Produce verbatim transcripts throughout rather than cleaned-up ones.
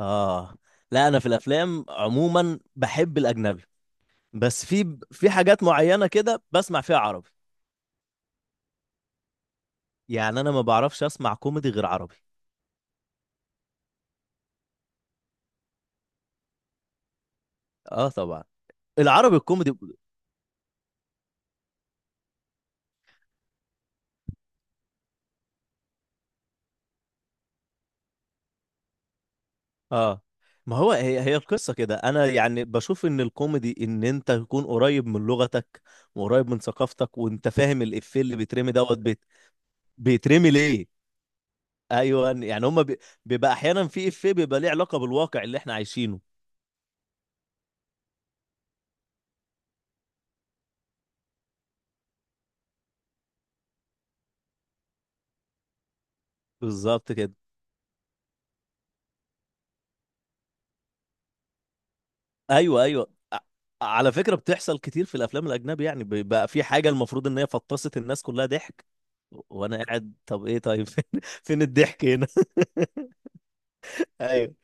اه. لا، انا في الافلام عموما بحب الاجنبي. بس في في حاجات معينه كده بسمع فيها عربي. يعني انا ما بعرفش اسمع كوميدي غير عربي. اه، طبعا. العربي الكوميدي. اه، ما هو هي هي القصه كده، انا يعني بشوف ان الكوميدي ان انت تكون قريب من لغتك وقريب من ثقافتك وانت فاهم الافيه اللي بيترمي دوت بيت... بيترمي ليه. ايوه يعني هما بي... بيبقى احيانا في افيه بيبقى ليه علاقه بالواقع اللي احنا عايشينه. بالظبط كده. ايوه ايوه ع- على فكره بتحصل كتير في الافلام الاجنبي، يعني بقى في حاجه المفروض ان هي فطست الناس كلها ضحك، وانا قاعد طب ايه طيب؟ فين فين الضحك هنا؟ ايوه.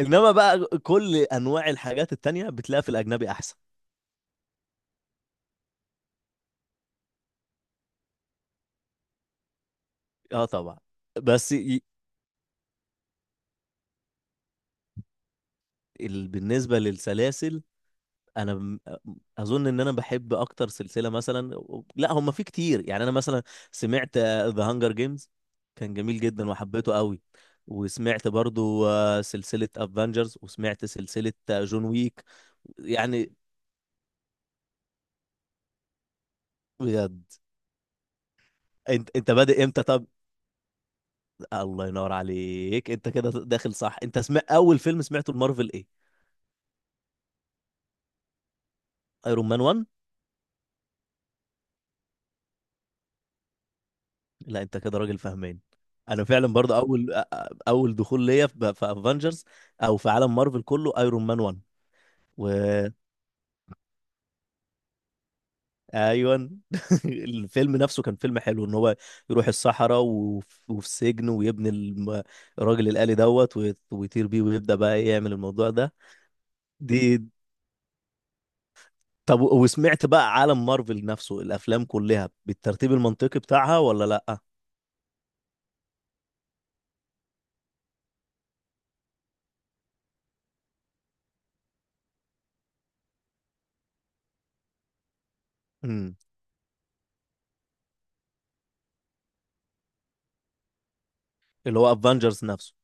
انما بقى كل انواع الحاجات التانية بتلاقيها في الاجنبي احسن. اه طبعا. بس ي... ال... بالنسبه للسلاسل، انا م- اظن ان انا بحب اكتر سلسله مثلا، لا هم في كتير. يعني انا مثلا سمعت ذا هانجر جيمز، كان جميل جدا وحبيته قوي. وسمعت برضو آه، سلسله افنجرز، وسمعت سلسله آه، جون ويك. يعني بجد. انت انت بادئ امتى طب؟ الله ينور عليك، انت كده داخل صح. انت سمع اول فيلم سمعته المارفل ايه؟ ايرون مان واحد. لا انت كده راجل فاهمان. انا فعلا برضو اول أ- أ- اول دخول ليا في افنجرز او في عالم مارفل كله ايرون مان واحد. و ايوه. الفيلم نفسه كان فيلم حلو، ان هو يروح الصحراء وف- وفي سجن ويبني الم- الراجل الآلي دوت ويت- ويطير بيه ويبدأ بقى إيه يعمل الموضوع ده دي. طب وسمعت بقى عالم مارفل نفسه الافلام كلها بالترتيب المنطقي بتاعها ولا لا؟ امم، اللي هو افنجرز نفسه.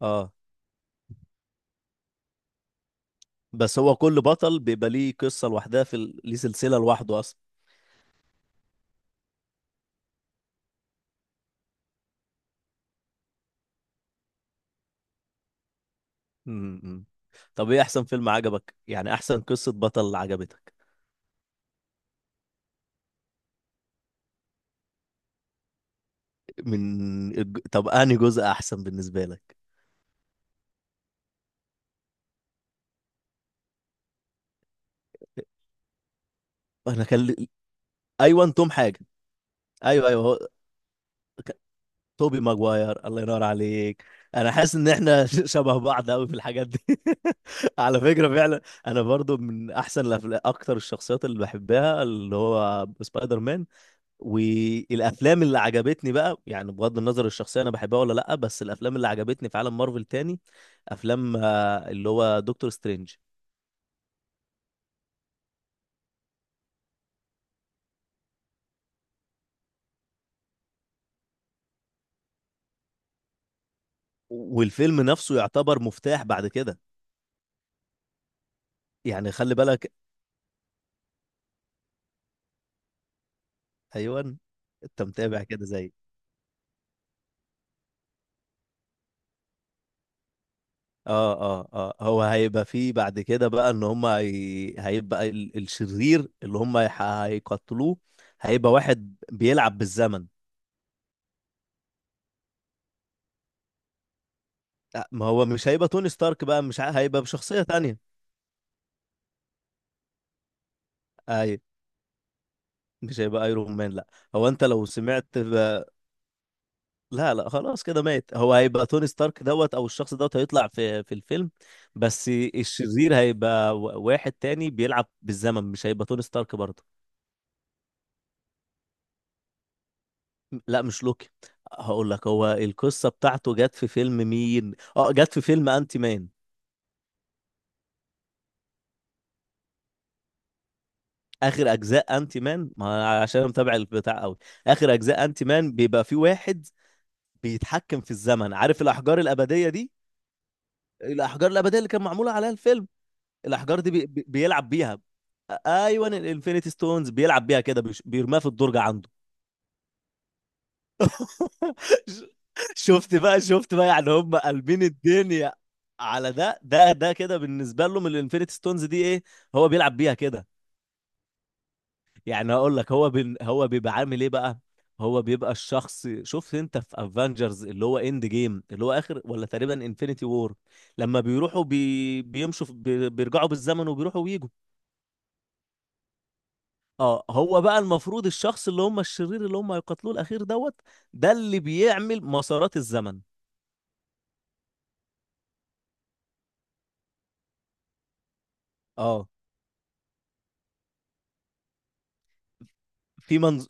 اه. بس هو كل بطل بيبقى ليه قصة لوحدها في ال... ليه سلسلة لوحده اصلا. امم. طب ايه احسن فيلم عجبك، يعني احسن قصة بطل عجبتك؟ من الج... طب انهي جزء احسن بالنسبه لك؟ انا كان لي- ايوه، توم حاجه. ايوه ايوه هو. ك- توبي ماجواير، الله ينور عليك. انا حاسس ان احنا ش- شبه بعض قوي في الحاجات دي. على فكره فعلا. انا برضو من احسن الأفلا... اكتر الشخصيات اللي بحبها اللي هو سبايدر مان. والافلام اللي عجبتني بقى، يعني بغض النظر الشخصيه انا بحبها ولا لا، بس الافلام اللي عجبتني في عالم مارفل تاني، افلام آه، اللي هو دكتور سترينج. والفيلم نفسه يعتبر مفتاح بعد كده. يعني خلي بالك. ايوه. انت متابع كده زي. اه اه اه، هو هيبقى فيه بعد كده بقى ان هم هي... هيبقى ال... الشرير اللي هم هي... هيقتلوه. هيبقى واحد بيلعب بالزمن. آه، ما هو مش هيبقى توني ستارك بقى، مش ع- هيبقى بشخصية تانية. اي، مش هيبقى ايرون مان لا. هو انت لو سمعت ب... لا لا، خلاص كده مات. هو هيبقى توني ستارك دوت او الشخص دوت هيطلع في في الفيلم بس. الشرير هيبقى و- واحد تاني بيلعب بالزمن، مش هيبقى توني ستارك برضه. لا مش لوكي. هقول لك هو القصه بتاعته جت في فيلم مين، اه جت في فيلم انتي مان. اخر اجزاء انتي مان، ما أنا عشان أنا متابع البتاع قوي. اخر اجزاء انتي مان بيبقى في واحد بيتحكم في الزمن، عارف الاحجار الابديه دي؟ الاحجار الابديه اللي كان معموله عليها الفيلم. الاحجار دي بي... بي- بيلعب بيها. ايوه، الانفينيتي ستونز بيلعب بيها كده، بيش- بيرميها في الدرج عنده. شفت بقى، شفت بقى، يعني هم قلبين الدنيا. على ده ده ده كده بالنسبه لهم الانفينيتي ستونز دي ايه، هو بيلعب بيها كده. يعني هقول لك هو بن هو بيبقى عامل ايه بقى. هو بيبقى الشخص، شفت انت في افنجرز اللي هو اند جيم، اللي هو اخر ولا تقريبا انفينيتي وور، لما بيروحوا بي... بيمشوا في- بي... بيرجعوا بالزمن وبيروحوا ويجوا. اه هو بقى المفروض الشخص اللي هم الشرير اللي هم هيقتلوه الاخير دوت ده اللي بيعمل مسارات الزمن. اه. في منظ...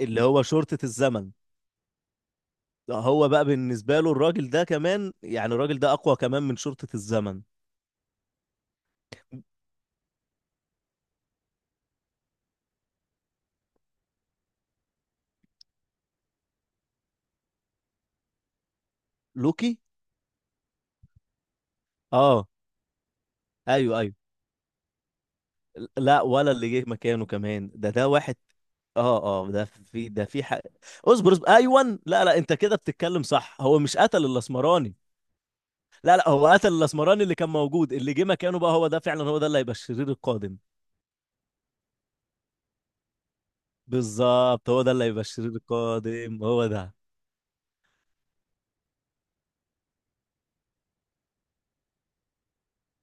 اللي هو شرطة الزمن. هو بقى بالنسبة له الراجل ده كمان، يعني الراجل ده أقوى كمان من شرطة الزمن. لوكي، اه. ايوه ايوه. لا ولا اللي جه مكانه كمان ده ده واحد. اه اه، ده في ده في حق. اصبر اصبر، ايوه، لا لا، انت كده بتتكلم صح، هو مش قتل الاسمراني. لا لا هو قتل الاسمراني اللي كان موجود، اللي جه مكانه بقى هو ده فعلا، هو ده اللي هيبقى الشرير القادم. بالظبط هو ده اللي هيبقى الشرير القادم هو ده.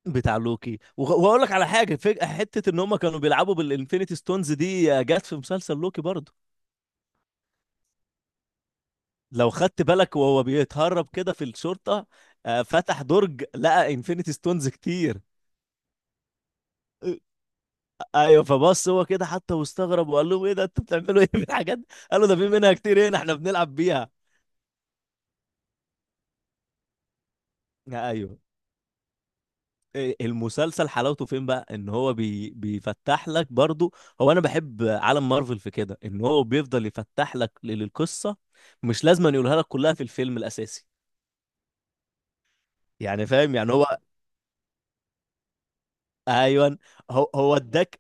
بتاع لوكي. وغ- واقول لك على حاجه، فجاه حته ان هم كانوا بيلعبوا بالانفينيتي ستونز دي جت في مسلسل لوكي برضه. لو خدت بالك وهو بيتهرب كده في الشرطه، آه، فتح درج لقى انفينيتي ستونز كتير. ايوه فبص هو كده حتى واستغرب وقال لهم ايه ده انتوا بتعملوا ايه بالحاجات دي؟ قالوا ده في منها كتير هنا احنا بنلعب بيها. آه، ايوه. المسلسل حلاوته فين بقى، ان هو بي... بيفتح لك برضو. هو انا بحب عالم مارفل في كده ان هو بيفضل يفتح لك لل- القصه، مش لازم أن يقولها لك كلها في الفيلم الاساسي. يعني فاهم يعني هو. ايوه. هو هو اداك.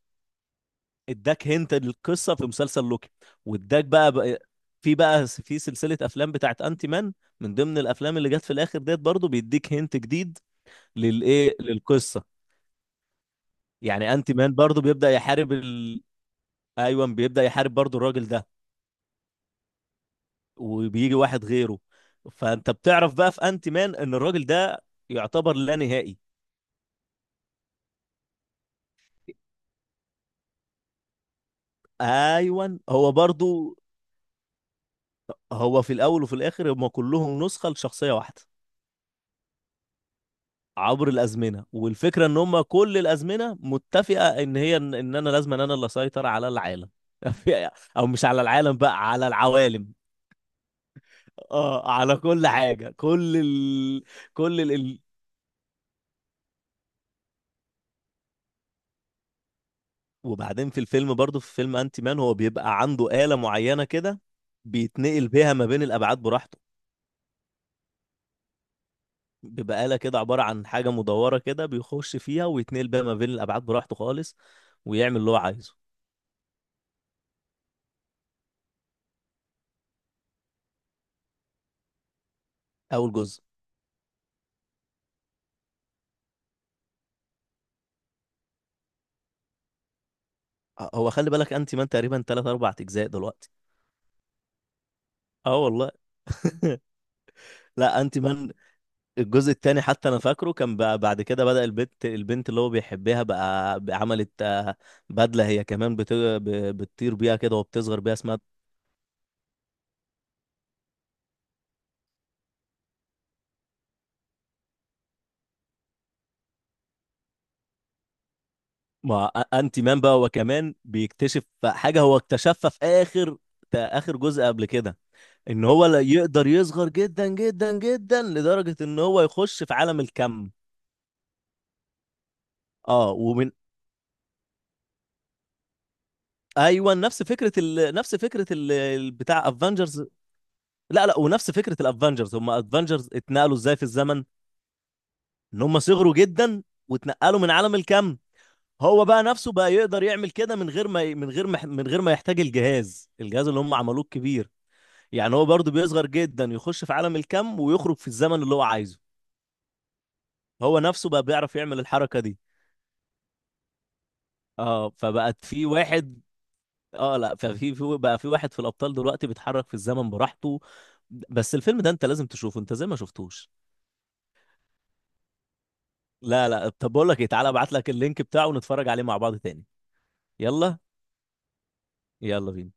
اداك هنت للقصه في مسلسل لوكي. واداك بقى, بقى في بقى س- في سلسله افلام بتاعت انتي مان، من ضمن الافلام اللي جت في الاخر ديت برضو بيديك هنت جديد للايه للقصه. يعني انتي مان برضو بيبدا يحارب ال... ايوه، بيبدا يحارب برضو الراجل ده، وبيجي واحد غيره. فانت بتعرف بقى في انت مان ان الراجل ده يعتبر لا نهائي. ايوه هو برضو. هو في الاول وفي الاخر هم كلهم نسخه لشخصيه واحده عبر الازمنه، والفكره ان هم كل الازمنه متفقه ان هي ان إن انا لازم انا اللي اسيطر على العالم. او مش على العالم بقى، على العوالم. اه على كل حاجه، كل ال... كل ال... وبعدين في الفيلم برضه في فيلم انتي مان هو بيبقى عنده آلة معينة كده، بيتنقل بيها ما بين الأبعاد براحته. بيبقى آلة كده عبارة عن حاجة مدورة كده، بيخش فيها ويتنقل بيها ما بين الأبعاد براحته خالص، ويعمل اللي هو عايزه. أول جزء. هو خلي بالك انتي مان تقريبا تلات أربع أجزاء دلوقتي. اه والله. لا انتي مان الجزء التاني حتى انا فاكره، كان بقى بعد كده بدأ البنت البنت اللي هو بيحبها بقى بقى عملت آه، بدلة، هي كمان بت- ب- بتطير بيها كده وبتصغر بيها اسمها. ما أ- انتي مان بقى هو كمان بيكتشف حاجه هو اكتشفها في اخر تا- اخر جزء قبل كده، ان هو لا يقدر يصغر جدا جدا جدا لدرجه ان هو يخش في عالم الكم. اه ومن. ايوه نفس فكره ال... نفس فكره ال... ال- بتاع افنجرز. لا لا، ونفس فكره الافنجرز هم افنجرز اتنقلوا ازاي في الزمن. ان هم صغروا جدا واتنقلوا من عالم الكم. هو بقى نفسه بقى يقدر يعمل كده من غير ما ي- من غير ما من غير ما يحتاج الجهاز الجهاز اللي هم عملوه الكبير. يعني هو برضه بيصغر جدا يخش في عالم الكم ويخرج في الزمن اللي هو عايزه. هو نفسه بقى بيعرف يعمل الحركة دي. اه فبقت في واحد. اه لا، ففي في بقى في واحد في الأبطال دلوقتي بيتحرك في الزمن براحته، بس الفيلم ده انت لازم تشوفه انت زي ما شفتوش. لا لا، طب بقول لك ايه، تعالى ابعت لك اللينك بتاعه ونتفرج عليه مع بعض تاني. يلا. يلا بينا.